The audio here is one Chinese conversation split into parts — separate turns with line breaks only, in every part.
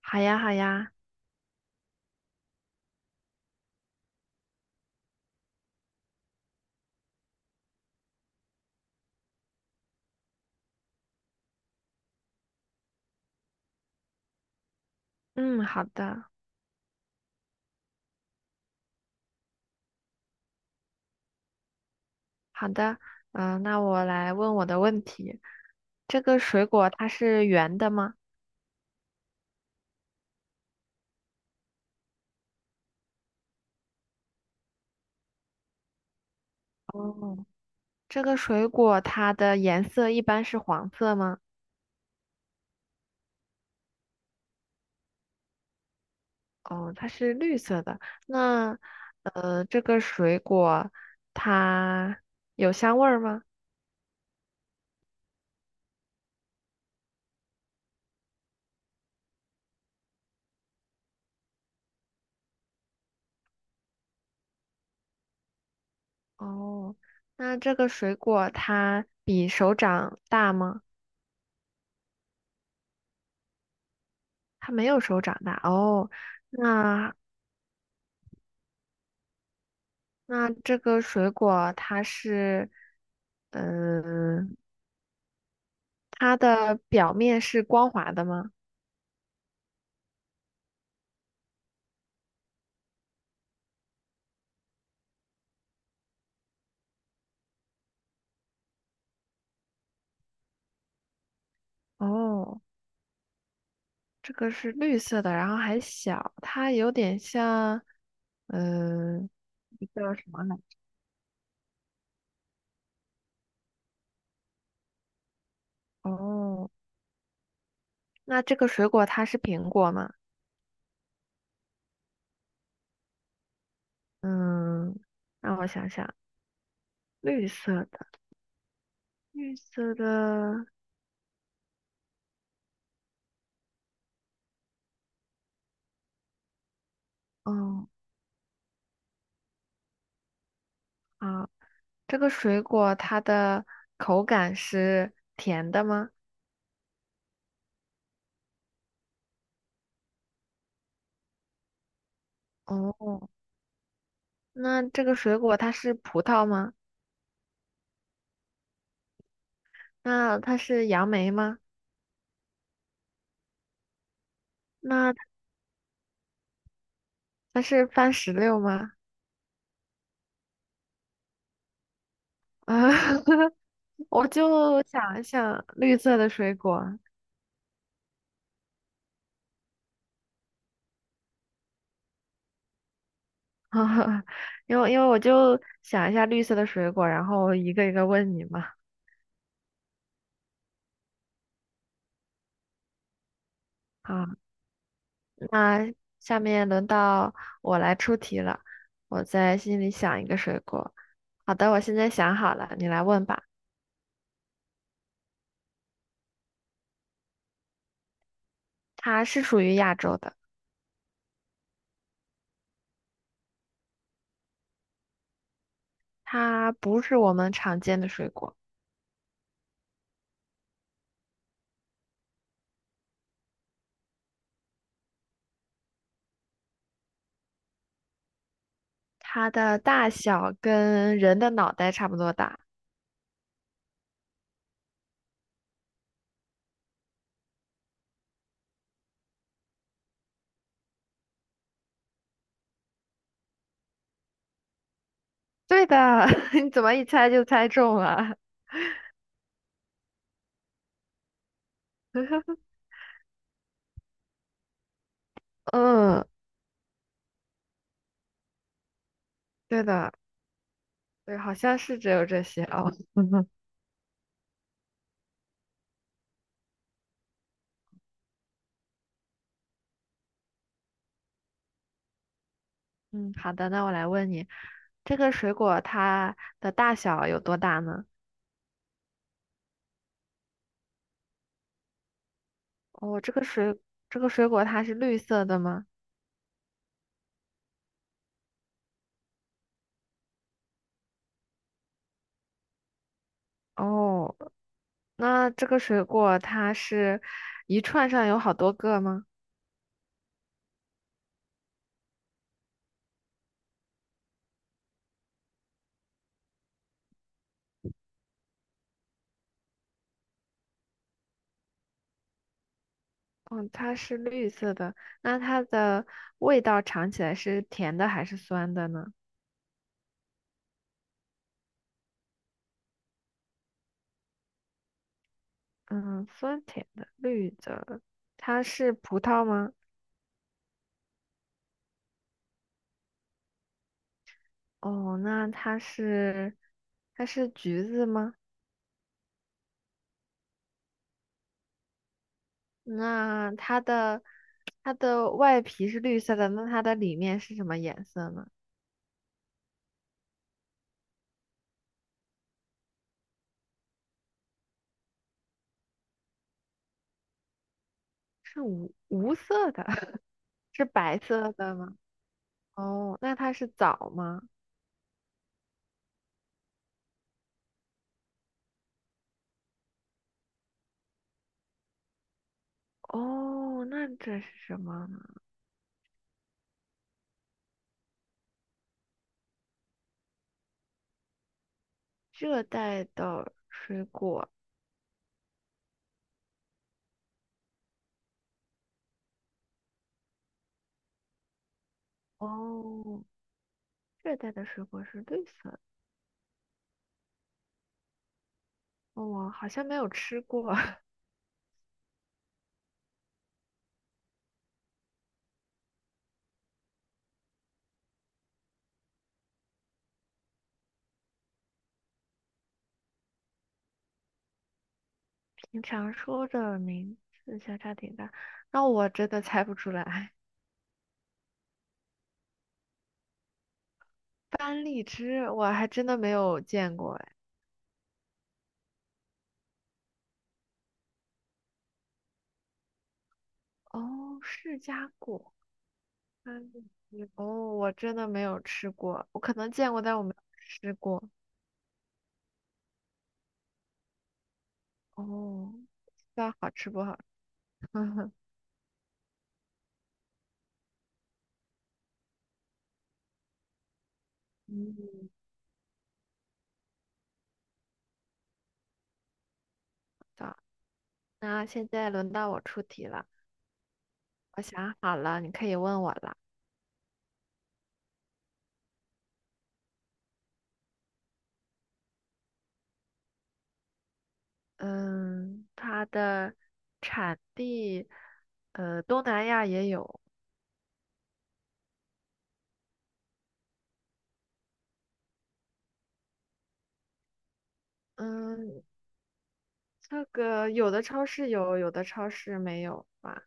好呀，好呀，嗯，好的，好的，那我来问我的问题。这个水果它是圆的吗？哦，这个水果它的颜色一般是黄色吗？哦，它是绿色的。那，这个水果它有香味儿吗？哦，那这个水果它比手掌大吗？它没有手掌大。哦，那这个水果它是嗯，它的表面是光滑的吗？哦，这个是绿色的，然后还小，它有点像，嗯，一个什么来？哦，那这个水果它是苹果吗？嗯，让我想想，绿色的，绿色的，哦，啊，这个水果它的口感是甜的吗？哦，那这个水果它是葡萄吗？那它是杨梅吗？那它是番石榴吗？啊，我就想一想绿色的水果，因为我就想一下绿色的水果，然后一个一个问你嘛。啊，那下面轮到我来出题了，我在心里想一个水果。好的，我现在想好了，你来问吧。它是属于亚洲的，它不是我们常见的水果，它的大小跟人的脑袋差不多大。对的，你怎么一猜就猜中了？嗯，对的，对，好像是只有这些哦。嗯，好的，那我来问你，这个水果它的大小有多大呢？哦，这个水果它是绿色的吗？哦，那这个水果它是一串上有好多个吗？嗯，它是绿色的，那它的味道尝起来是甜的还是酸的呢？嗯，酸甜的，绿的，它是葡萄吗？哦，那它是它是橘子吗？那它的它的外皮是绿色的，那它的里面是什么颜色呢？是无色的，是白色的吗？哦，那它是枣吗？哦，那这是什么呢？热带的水果。哦，热带的水果是绿色的。哦，我好像没有吃过。你常说的名字相差挺大，那我真的猜不出来。班荔枝我还真的没有见过哎。哦，释迦果，班荔枝，哦，我真的没有吃过，我可能见过，但我没有吃过。哦，不知道好吃不好吃。嗯，好，那现在轮到我出题了，我想好了，你可以问我了。嗯，它的产地，东南亚也有。嗯，这个有的超市有，有的超市没有吧？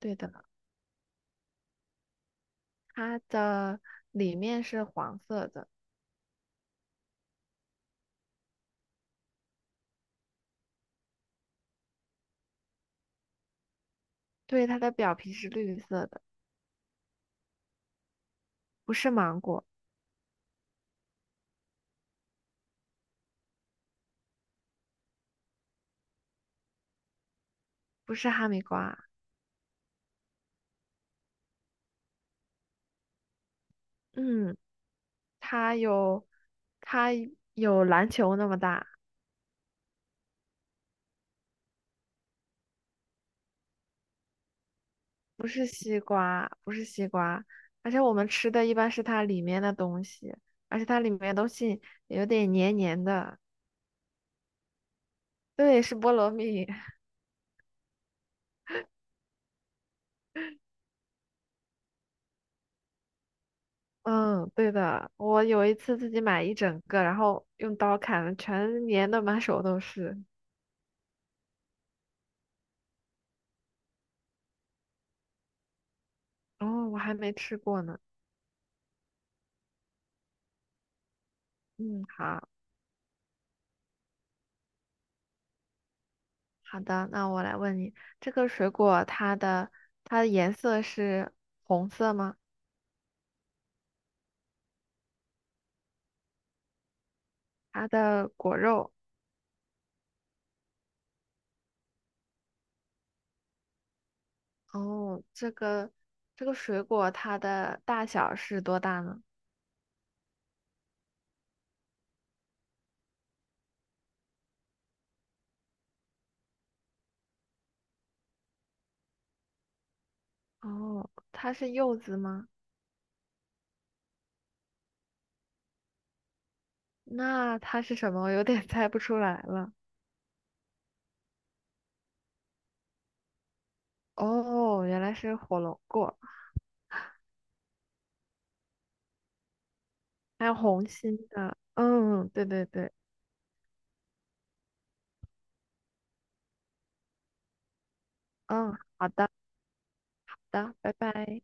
对的，它的里面是黄色的，对，它的表皮是绿色的，不是芒果，不是哈密瓜，嗯，它有，它有篮球那么大，不是西瓜，不是西瓜，而且我们吃的一般是它里面的东西，而且它里面的东西有点黏黏的，对，是菠萝蜜，嗯，对的，我有一次自己买一整个，然后用刀砍了，全粘的满手都是。哦，我还没吃过呢。嗯，好好的，那我来问你，这个水果它的颜色是红色吗？它的果肉，哦，这个水果它的大小是多大呢？哦，它是柚子吗？那它是什么？我有点 猜不出来了。哦，原来是火龙果。还有红心的，嗯，对对对，嗯，好的，好的，拜拜。